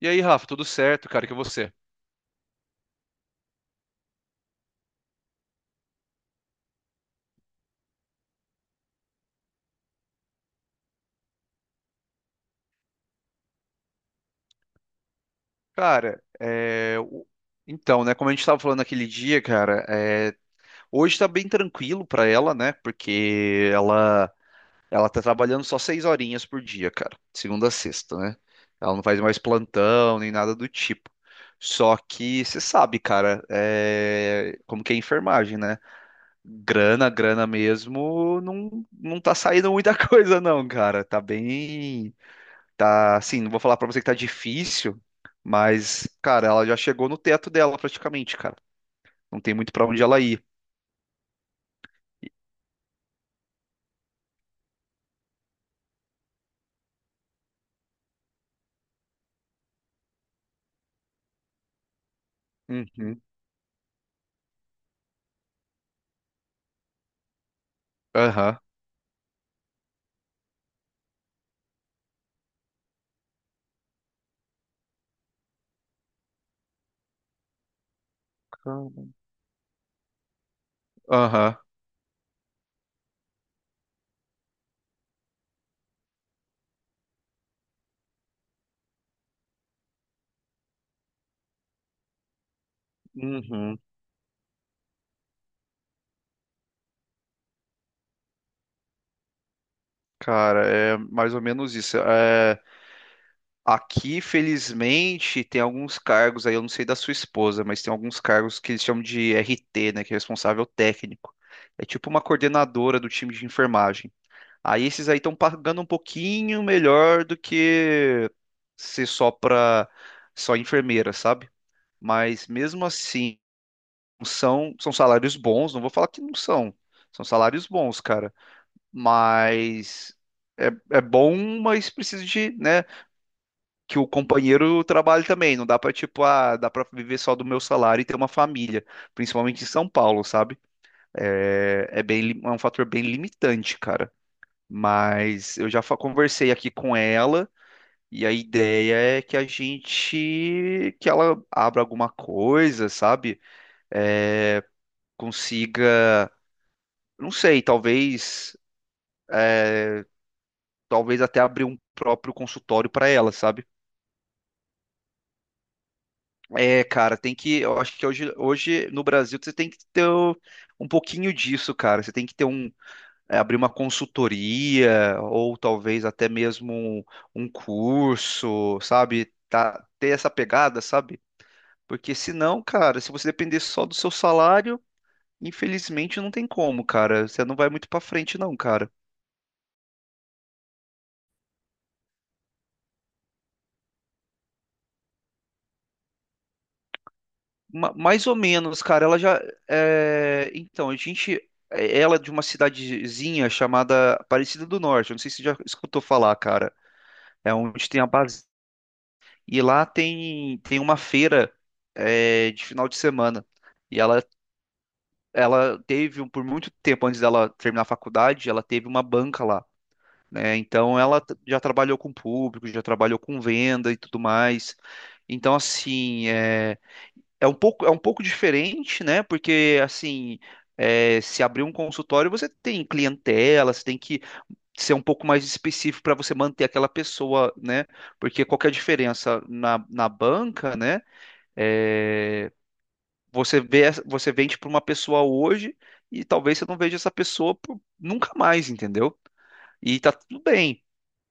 E aí, Rafa, tudo certo, cara? Que você? Cara, é, o- então, né? Como a gente estava falando naquele dia, hoje tá bem tranquilo pra ela, né? Porque ela tá trabalhando só seis horinhas por dia, cara, segunda a sexta, né? Ela não faz mais plantão nem nada do tipo. Só que você sabe, como que é enfermagem, né? Grana mesmo, não tá saindo muita coisa, não, cara. Tá bem. Tá, assim, não vou falar pra você que tá difícil, mas, cara, ela já chegou no teto dela praticamente, cara. Não tem muito pra onde ela ir. Uhum. Aham. Caramba. Aham. Uhum. Cara, é mais ou menos isso. Aqui, felizmente, tem alguns cargos aí, eu não sei da sua esposa, mas tem alguns cargos que eles chamam de RT, né, que é responsável técnico. É tipo uma coordenadora do time de enfermagem. Aí esses aí estão pagando um pouquinho melhor do que ser só para só enfermeira, sabe? Mas mesmo assim, são salários bons, não vou falar que não são. São salários bons, cara, mas é, é bom, mas precisa de, né, que o companheiro trabalhe também. Não dá pra, tipo, ah, dá para viver só do meu salário e ter uma família, principalmente em São Paulo, sabe? É é um fator bem limitante, cara. Mas eu conversei aqui com ela e a ideia é que que ela abra alguma coisa, sabe? É, Consiga, não sei, talvez, talvez até abrir um próprio consultório para ela, sabe? É, cara, eu acho que hoje no Brasil você tem que ter o- um pouquinho disso, cara. Você tem que ter abrir uma consultoria ou talvez até mesmo um curso, sabe? Tá, ter essa pegada, sabe? Porque senão, cara, se você depender só do seu salário, infelizmente não tem como, cara. Você não vai muito pra frente, não, cara. Mais ou menos, cara. Ela já. Então, a gente. Ela é de uma cidadezinha chamada Aparecida do Norte. Eu não sei se você já escutou falar, cara. É onde tem a base. E lá tem uma feira de final de semana. E ela, Ela teve, por muito tempo antes dela terminar a faculdade, ela teve uma banca lá. Né? Então ela já trabalhou com público, já trabalhou com venda e tudo mais. Então assim, é um pouco diferente, né? Porque assim, se abrir um consultório, você tem clientela, você tem que ser um pouco mais específico para você manter aquela pessoa, né? Porque qual que é a diferença na, na banca, né? É, Você vê, você vende para uma pessoa hoje e talvez você não veja essa pessoa nunca mais, entendeu? E tá tudo bem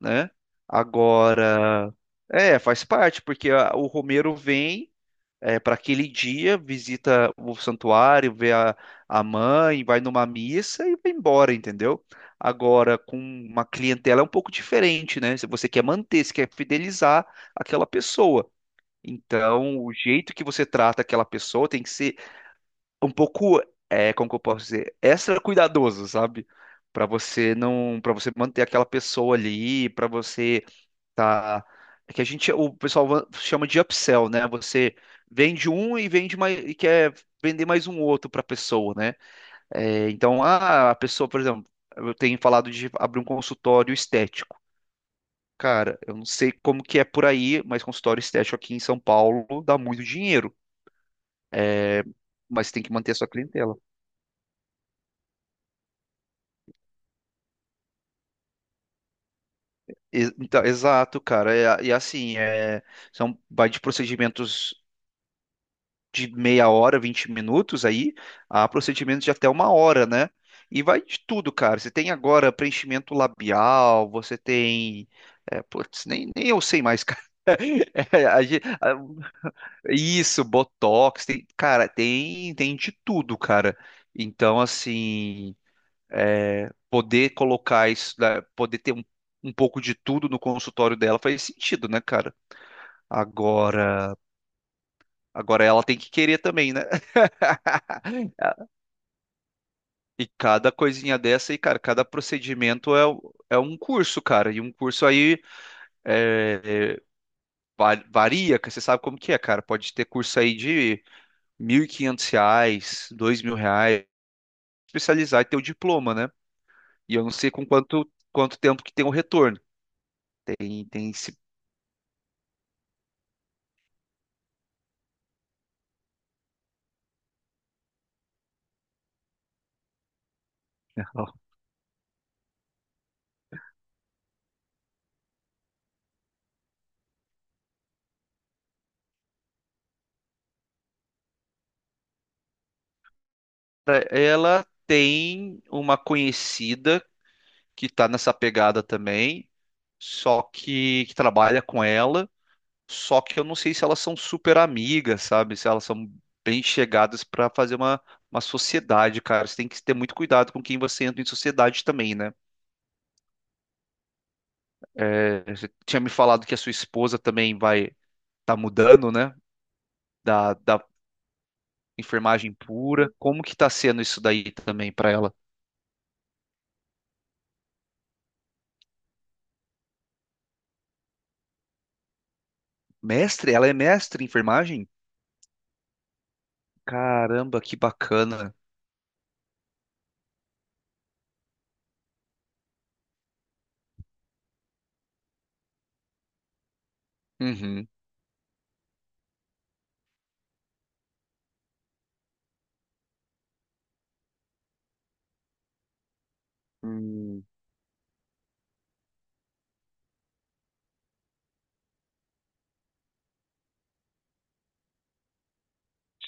né? Agora, é, faz parte, porque o Romero vem para aquele dia, visita o santuário, vê a mãe, vai numa missa e vai embora, entendeu? Agora, com uma clientela é um pouco diferente, né? Se você quer manter, se quer fidelizar aquela pessoa. Então, o jeito que você trata aquela pessoa tem que ser um pouco, como que eu posso dizer, extra cuidadoso, sabe? Para você não, para você manter aquela pessoa ali, para você. Tá. É que o pessoal chama de upsell, né? Você vende um e vende mais e quer vender mais um outro para a pessoa, né? É, então, ah, a pessoa, por exemplo, eu tenho falado de abrir um consultório estético. Cara, eu não sei como que é por aí, mas consultório estético aqui em São Paulo dá muito dinheiro, mas tem que manter a sua clientela. Então, exato, cara. Vai de procedimentos de meia hora, 20 minutos aí, a procedimentos de até uma hora, né? E vai de tudo, cara. Você tem agora preenchimento labial, você tem. É, putz, nem eu sei mais, cara. É, isso, botox, tem, cara, tem de tudo, cara. Então, assim, poder colocar isso, né, poder ter um pouco de tudo no consultório dela faz sentido, né, cara? Agora, agora ela tem que querer também, né? E cada coisinha dessa, e cara, cada procedimento é um curso, cara. E um curso aí é, é, varia, que você sabe como que é, cara. Pode ter curso aí de 1.500 reais, 2.000 reais, especializar e ter o diploma, né? E eu não sei com quanto tempo que tem o retorno. Tem esse... Ela tem uma conhecida que tá nessa pegada também, só que trabalha com ela. Só que eu não sei se elas são super amigas, sabe? Se elas são bem chegadas pra fazer uma sociedade, cara. Você tem que ter muito cuidado com quem você entra em sociedade também, né? É, você tinha me falado que a sua esposa também vai tá mudando, né? Da, da enfermagem pura. Como que tá sendo isso daí também pra ela? Mestre? Ela é mestre em enfermagem? Caramba, que bacana. Uhum. Hum.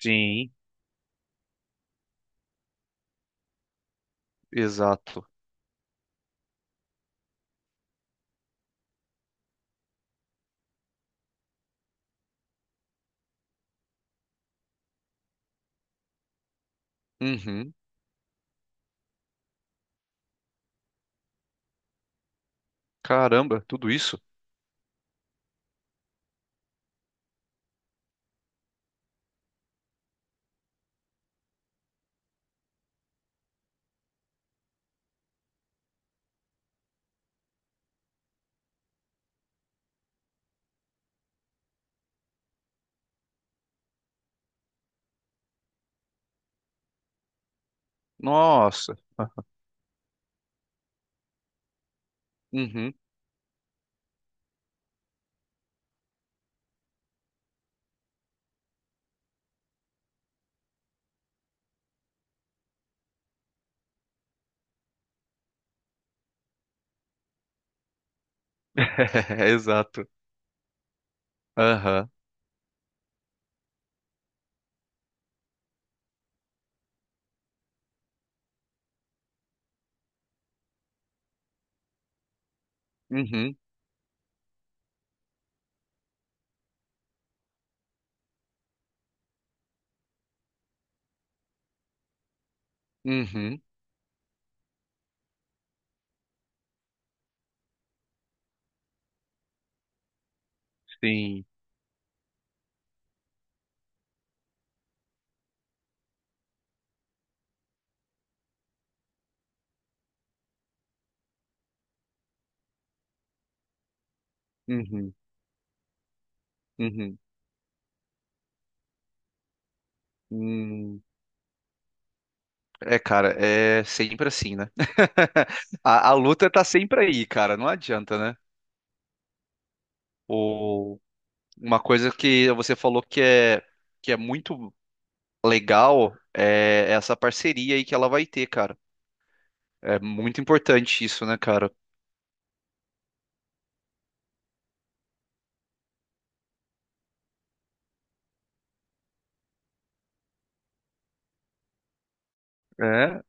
Sim, exato. Uhum. Caramba, tudo isso? Nossa. Uhum. Exato. Aham. Uhum. Uhum. Sim. Uhum. Uhum. Hum. É, cara, é sempre assim, né? A, a luta tá sempre aí, cara. Não adianta, né? O, uma coisa que você falou que é muito legal é essa parceria aí que ela vai ter, cara. É muito importante isso, né, cara? É.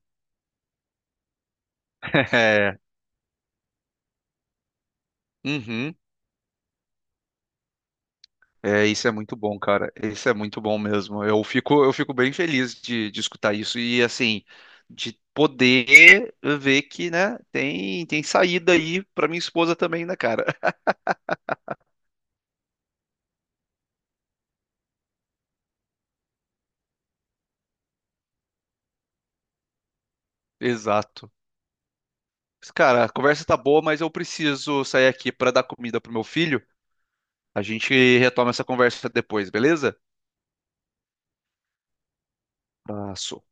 É. Uhum. É, isso é muito bom, cara. Isso é muito bom mesmo. Eu fico bem feliz de escutar isso e assim, de poder ver que, né, tem saída aí pra minha esposa também, né, cara? Exato. Mas, cara, a conversa tá boa, mas eu preciso sair aqui pra dar comida pro meu filho. A gente retoma essa conversa depois, beleza? Abraço.